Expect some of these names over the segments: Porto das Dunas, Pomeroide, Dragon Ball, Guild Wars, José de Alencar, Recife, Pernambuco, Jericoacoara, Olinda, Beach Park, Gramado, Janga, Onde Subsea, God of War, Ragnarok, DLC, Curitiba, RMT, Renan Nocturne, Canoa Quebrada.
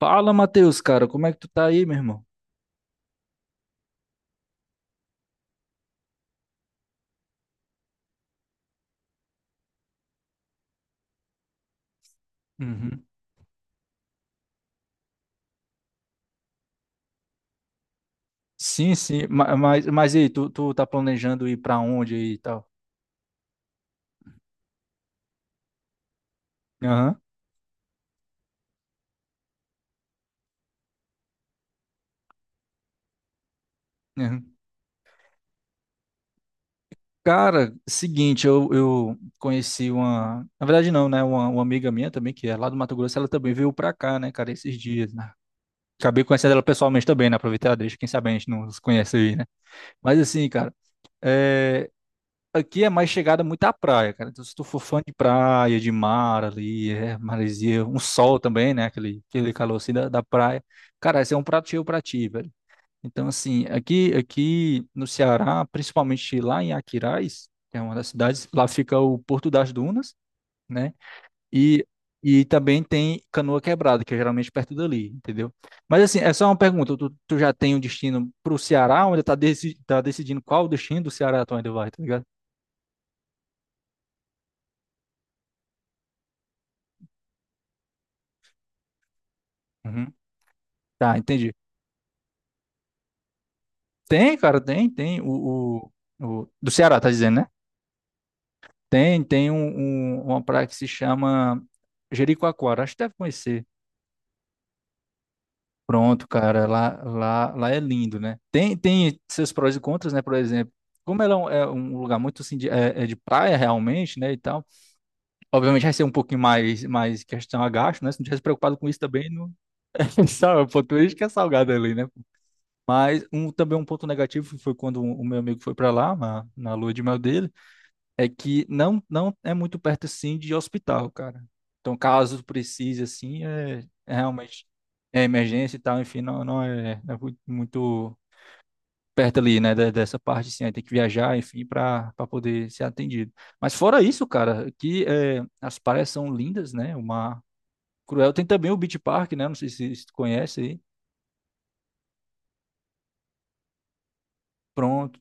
Fala, Matheus, cara, como é que tu tá aí, meu irmão? Uhum. Sim, sim, mas e aí, tu tá planejando ir pra onde aí e tal? Aham. Aham. Cara, seguinte, eu conheci uma. Na verdade, não, né? Uma amiga minha também, que é lá do Mato Grosso, ela também veio pra cá, né, cara, esses dias, né? Acabei conhecendo ela pessoalmente também, né? Aproveitar, deixa, quem sabe a gente não se conhece aí, né? Mas assim, cara, é, aqui é mais chegada muito à praia, cara. Então, se tu for fã de praia, de mar ali, é, maresia, um sol também, né? Aquele calor assim da, da praia. Cara, esse é um prato cheio pra ti, velho. Então, assim, aqui, aqui no Ceará, principalmente lá em Aquiraz, que é uma das cidades, lá fica o Porto das Dunas, né? E, e também tem Canoa Quebrada, que é geralmente perto dali, entendeu? Mas, assim, é só uma pergunta. Tu já tem um destino pro Ceará, ou ainda tá, deci, tá decidindo qual o destino do Ceará tu ainda vai, tá ligado? Uhum. Tá, entendi. Tem, cara, tem, tem. Do Ceará, tá dizendo, né? Tem, tem um, uma praia que se chama Jericoacoara. Acho que deve conhecer. Pronto, cara, lá, lá, lá é lindo, né? Tem, tem seus prós e contras, né? Por exemplo, como ela é um lugar muito assim, de, é, é de praia realmente, né? E tal, obviamente vai ser um pouquinho mais, mais questão a gasto, né? Se não tivesse preocupado com isso também, não. Sabe, o ponto turístico é salgado ali, né? Mas um, também um ponto negativo foi quando o meu amigo foi pra lá, na, na lua de mel dele. É que não, não é muito perto, assim de hospital, cara. Então, caso precise, assim, é, é realmente é emergência e tal, enfim, não, não é, não é muito perto ali, né, dessa parte, assim, aí tem que viajar, enfim, para para poder ser atendido. Mas fora isso, cara, que é, as praias são lindas, né, o mar cruel. Tem também o Beach Park, né, não sei se, se tu conhece aí. Pronto.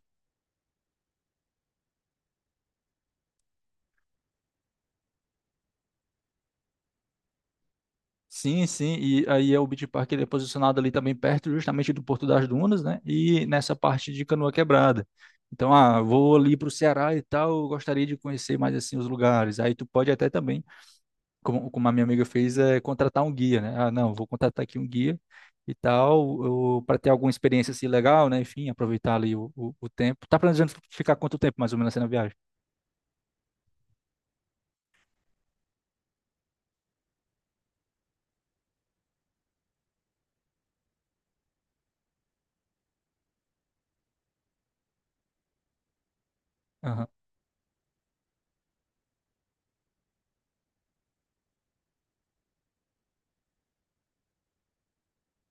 Sim, sim, e aí é o Beach Park, ele é posicionado ali também perto justamente do Porto das Dunas, né? E nessa parte de Canoa Quebrada. Então, ah, vou ali para o Ceará e tal, eu gostaria de conhecer mais assim os lugares. Aí tu pode até também, como, como a minha amiga fez, é contratar um guia, né? Ah, não, vou contratar aqui um guia e tal, para ter alguma experiência assim legal, né? Enfim, aproveitar ali o tempo. Tá planejando ficar quanto tempo mais ou menos assim na viagem?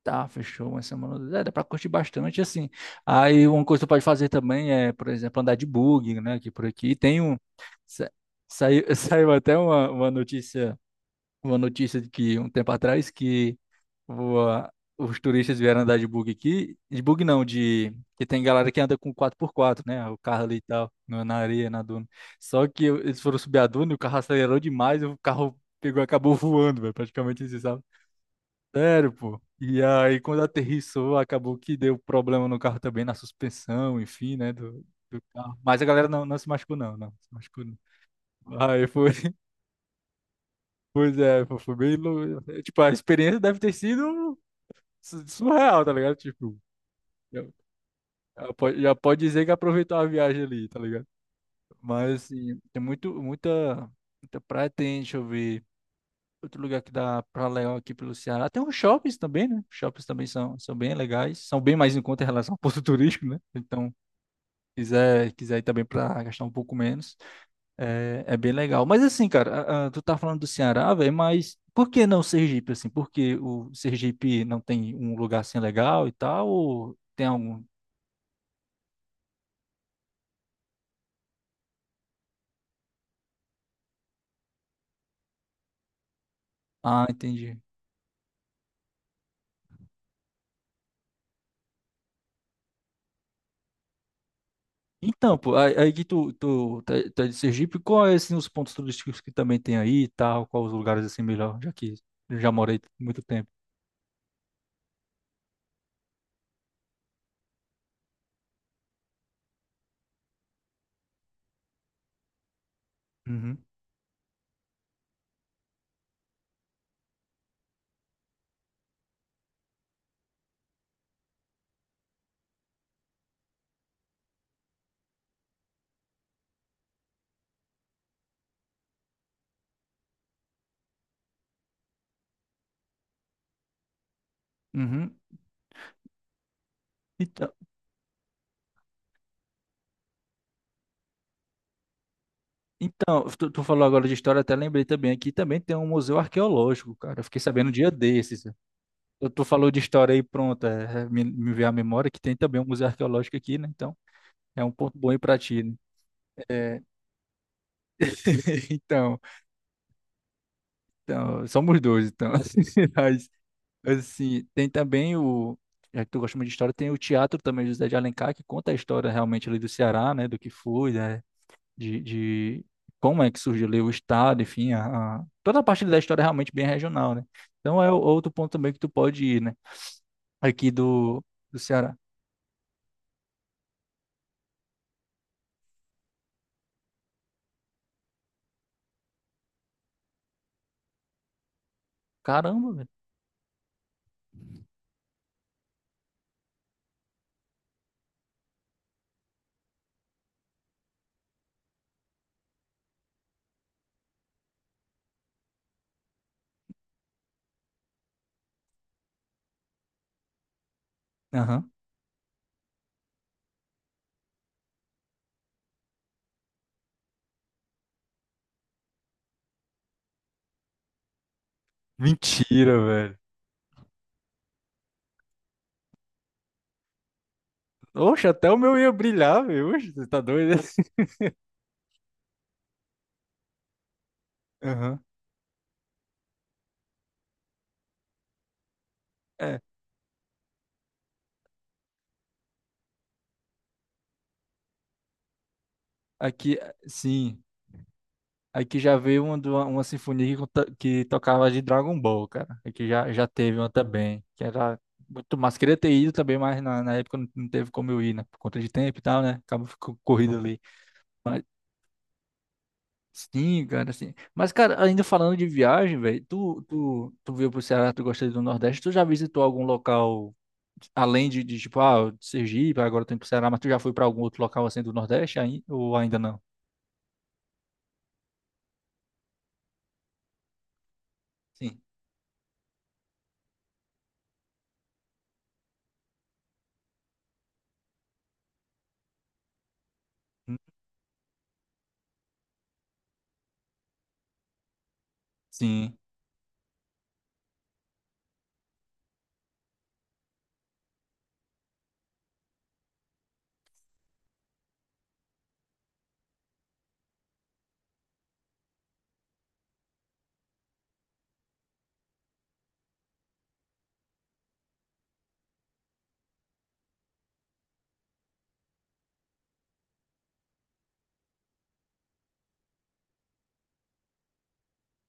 Tá, fechou uma semana. É, dá pra curtir bastante, assim. Aí uma coisa que tu pode fazer também é, por exemplo, andar de buggy, né? Aqui por aqui. Tem um. sa- Saiu, saiu até uma notícia de que um tempo atrás que o- os turistas vieram andar de buggy aqui. De buggy não, de. Que tem galera que anda com quatro por quatro, né? O carro ali e tal, na areia, na duna. Só que eles foram subir a duna e o carro acelerou demais, e o carro pegou, e acabou voando, velho. Praticamente isso, sabe? Sério, pô. E aí, quando aterrissou, acabou que deu problema no carro também, na suspensão, enfim, né, do, do carro. Mas a galera não, não se machucou, não, não se machucou, não. Aí foi, pois é, pô, foi bem louco. Tipo, a experiência deve ter sido surreal, tá ligado? Tipo, já, já pode dizer que aproveitou a viagem ali, tá ligado? Mas, assim, tem muito, muita, muita praia, tem, deixa eu ver. Outro lugar que dá pra legal aqui pelo Ceará. Tem uns shoppings também, né? Shoppings também são, são bem legais. São bem mais em conta em relação ao ponto turístico, né? Então, quiser, quiser ir também pra gastar um pouco menos, é, é bem legal. Mas assim, cara, tu tá falando do Ceará, velho, mas por que não Sergipe, assim? Por que o Sergipe não tem um lugar assim legal e tal? Ou tem algum? Ah, entendi. Então, pô, aí, aí que tu, tu, tá tá de Sergipe, qual é, assim, os pontos turísticos que também tem aí e tal? Quais os lugares, assim, melhor, já que eu já morei muito tempo? Uhum, uhum. Então, então tu, tu falou agora de história, até lembrei também, aqui também tem um museu arqueológico, cara. Eu fiquei sabendo um dia desses. Tu, tu falou de história aí, pronto, é, é, me veio à memória que tem também um museu arqueológico aqui, né? Então, é um ponto bom aí pra ti, né? É, então, então, somos dois, então. Assim, tem também o, já que tu gosta muito de história, tem o teatro também, José de Alencar, que conta a história realmente ali do Ceará, né, do que foi, né, de como é que surgiu ali o estado, enfim, a, toda a parte da história é realmente bem regional, né? Então é outro ponto também que tu pode ir, né, aqui do, do Ceará. Caramba, velho. Aham. Mentira, velho. Oxe, até o meu ia brilhar, velho. Oxe, você tá doido? Aham. É, aqui, sim. Aqui já veio uma, de uma sinfonia que, conta- que tocava de Dragon Ball, cara. Aqui já, já teve uma também, que era muito massa. Queria ter ido também, mas na, na época não, não teve como eu ir, né? Por conta de tempo e tal, né? Acaba ficando corrido ali. Sim, cara, assim. Mas, cara, ainda falando de viagem, velho, tu, tu, tu veio pro Ceará, tu gosta do Nordeste, tu já visitou algum local, além de tipo, ah, de Sergipe, agora tu indo pro Ceará, mas tu já foi pra algum outro local assim do Nordeste, aí, ou ainda não? Sim. Hum. Sim.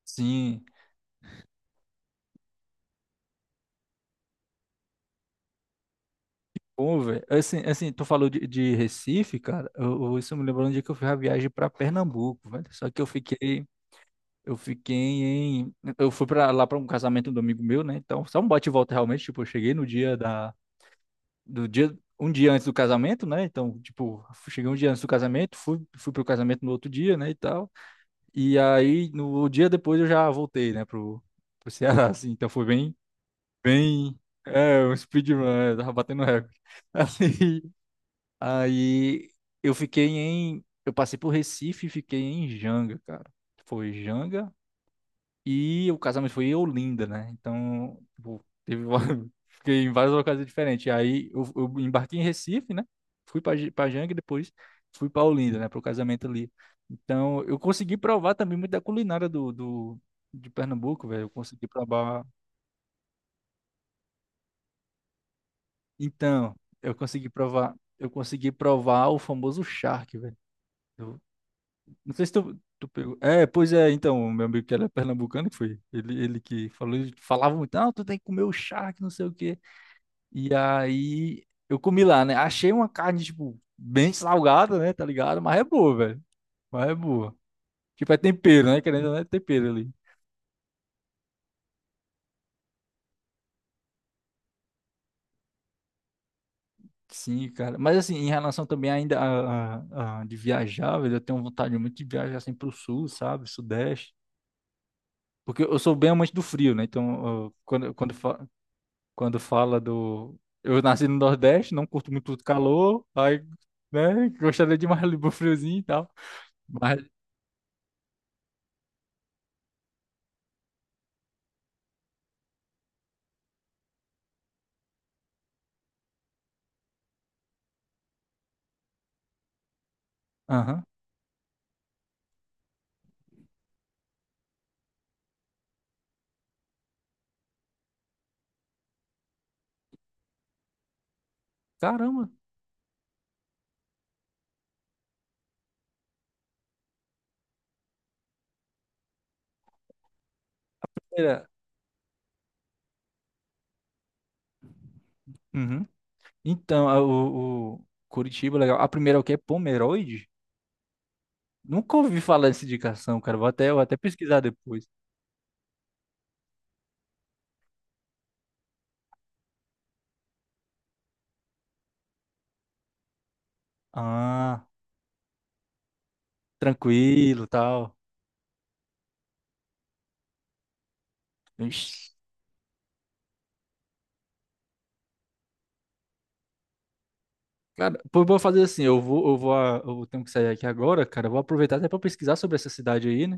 Sim. Pô, velho, assim, assim, tu falou de Recife, cara, eu, isso me lembrou um dia que eu fiz a viagem pra Pernambuco, velho, só que eu fiquei em, eu fui para lá pra um casamento do amigo meu, né, então, só um bate e volta realmente, tipo, eu cheguei no dia da, do dia, um dia antes do casamento, né, então, tipo, cheguei um dia antes do casamento, fui, fui pro casamento no outro dia, né, e tal, e aí, no dia depois eu já voltei, né, pro, pro Ceará, assim, então foi bem, bem, é, um speedrun, é, tava batendo recorde, assim... Aí eu fiquei em. Eu passei por Recife e fiquei em Janga, cara. Foi Janga e o casamento foi em Olinda, né? Então, tipo, teve fiquei em várias ocasiões diferentes. Aí eu embarquei em Recife, né? Fui pra pra Janga e depois fui pra Olinda, né? Pro casamento ali. Então, eu consegui provar também muito da culinária do, do, de Pernambuco, velho. Eu consegui provar. Então, eu consegui provar. Eu consegui provar o famoso charque, velho. Não sei se tu, tu pegou. É, pois é, então, o meu amigo que era pernambucano, que foi ele, ele que falou, ele falava muito, não, tu tem que comer o charque, não sei o quê. E aí eu comi lá, né? Achei uma carne, tipo, bem salgada, né? Tá ligado? Mas é boa, velho. Mas é boa. Tipo, é tempero, né? Querendo, ou não, é tempero ali. Sim, cara. Mas assim, em relação também ainda a, de viajar, velho, eu tenho vontade muito de viajar assim pro sul, sabe? Sudeste. Porque eu sou bem amante do frio, né? Então, quando, quando, fa- quando fala do. Eu nasci no Nordeste, não curto muito o calor, aí, né, gostaria de mais um friozinho e tal. Mas, aham. Caramba. Era- Uhum. Então, o Curitiba, legal. A primeira é o que? Pomeroide? Nunca ouvi falar dessa indicação, cara. Vou até pesquisar depois. Ah, tranquilo, tal. Ixi. Cara, pô, vou fazer assim, eu vou, eu vou, eu tenho que sair aqui agora, cara, eu vou aproveitar até para pesquisar sobre essa cidade aí, né?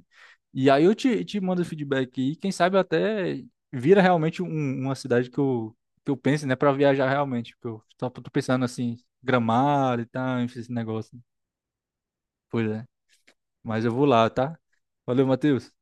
E aí eu te, te mando o feedback e quem sabe até vira realmente uma cidade que eu pense, né, para viajar realmente, porque eu só tô pensando assim, Gramado e tal, enfim, esse negócio. Pois é, mas eu vou lá, tá? Valeu, Matheus.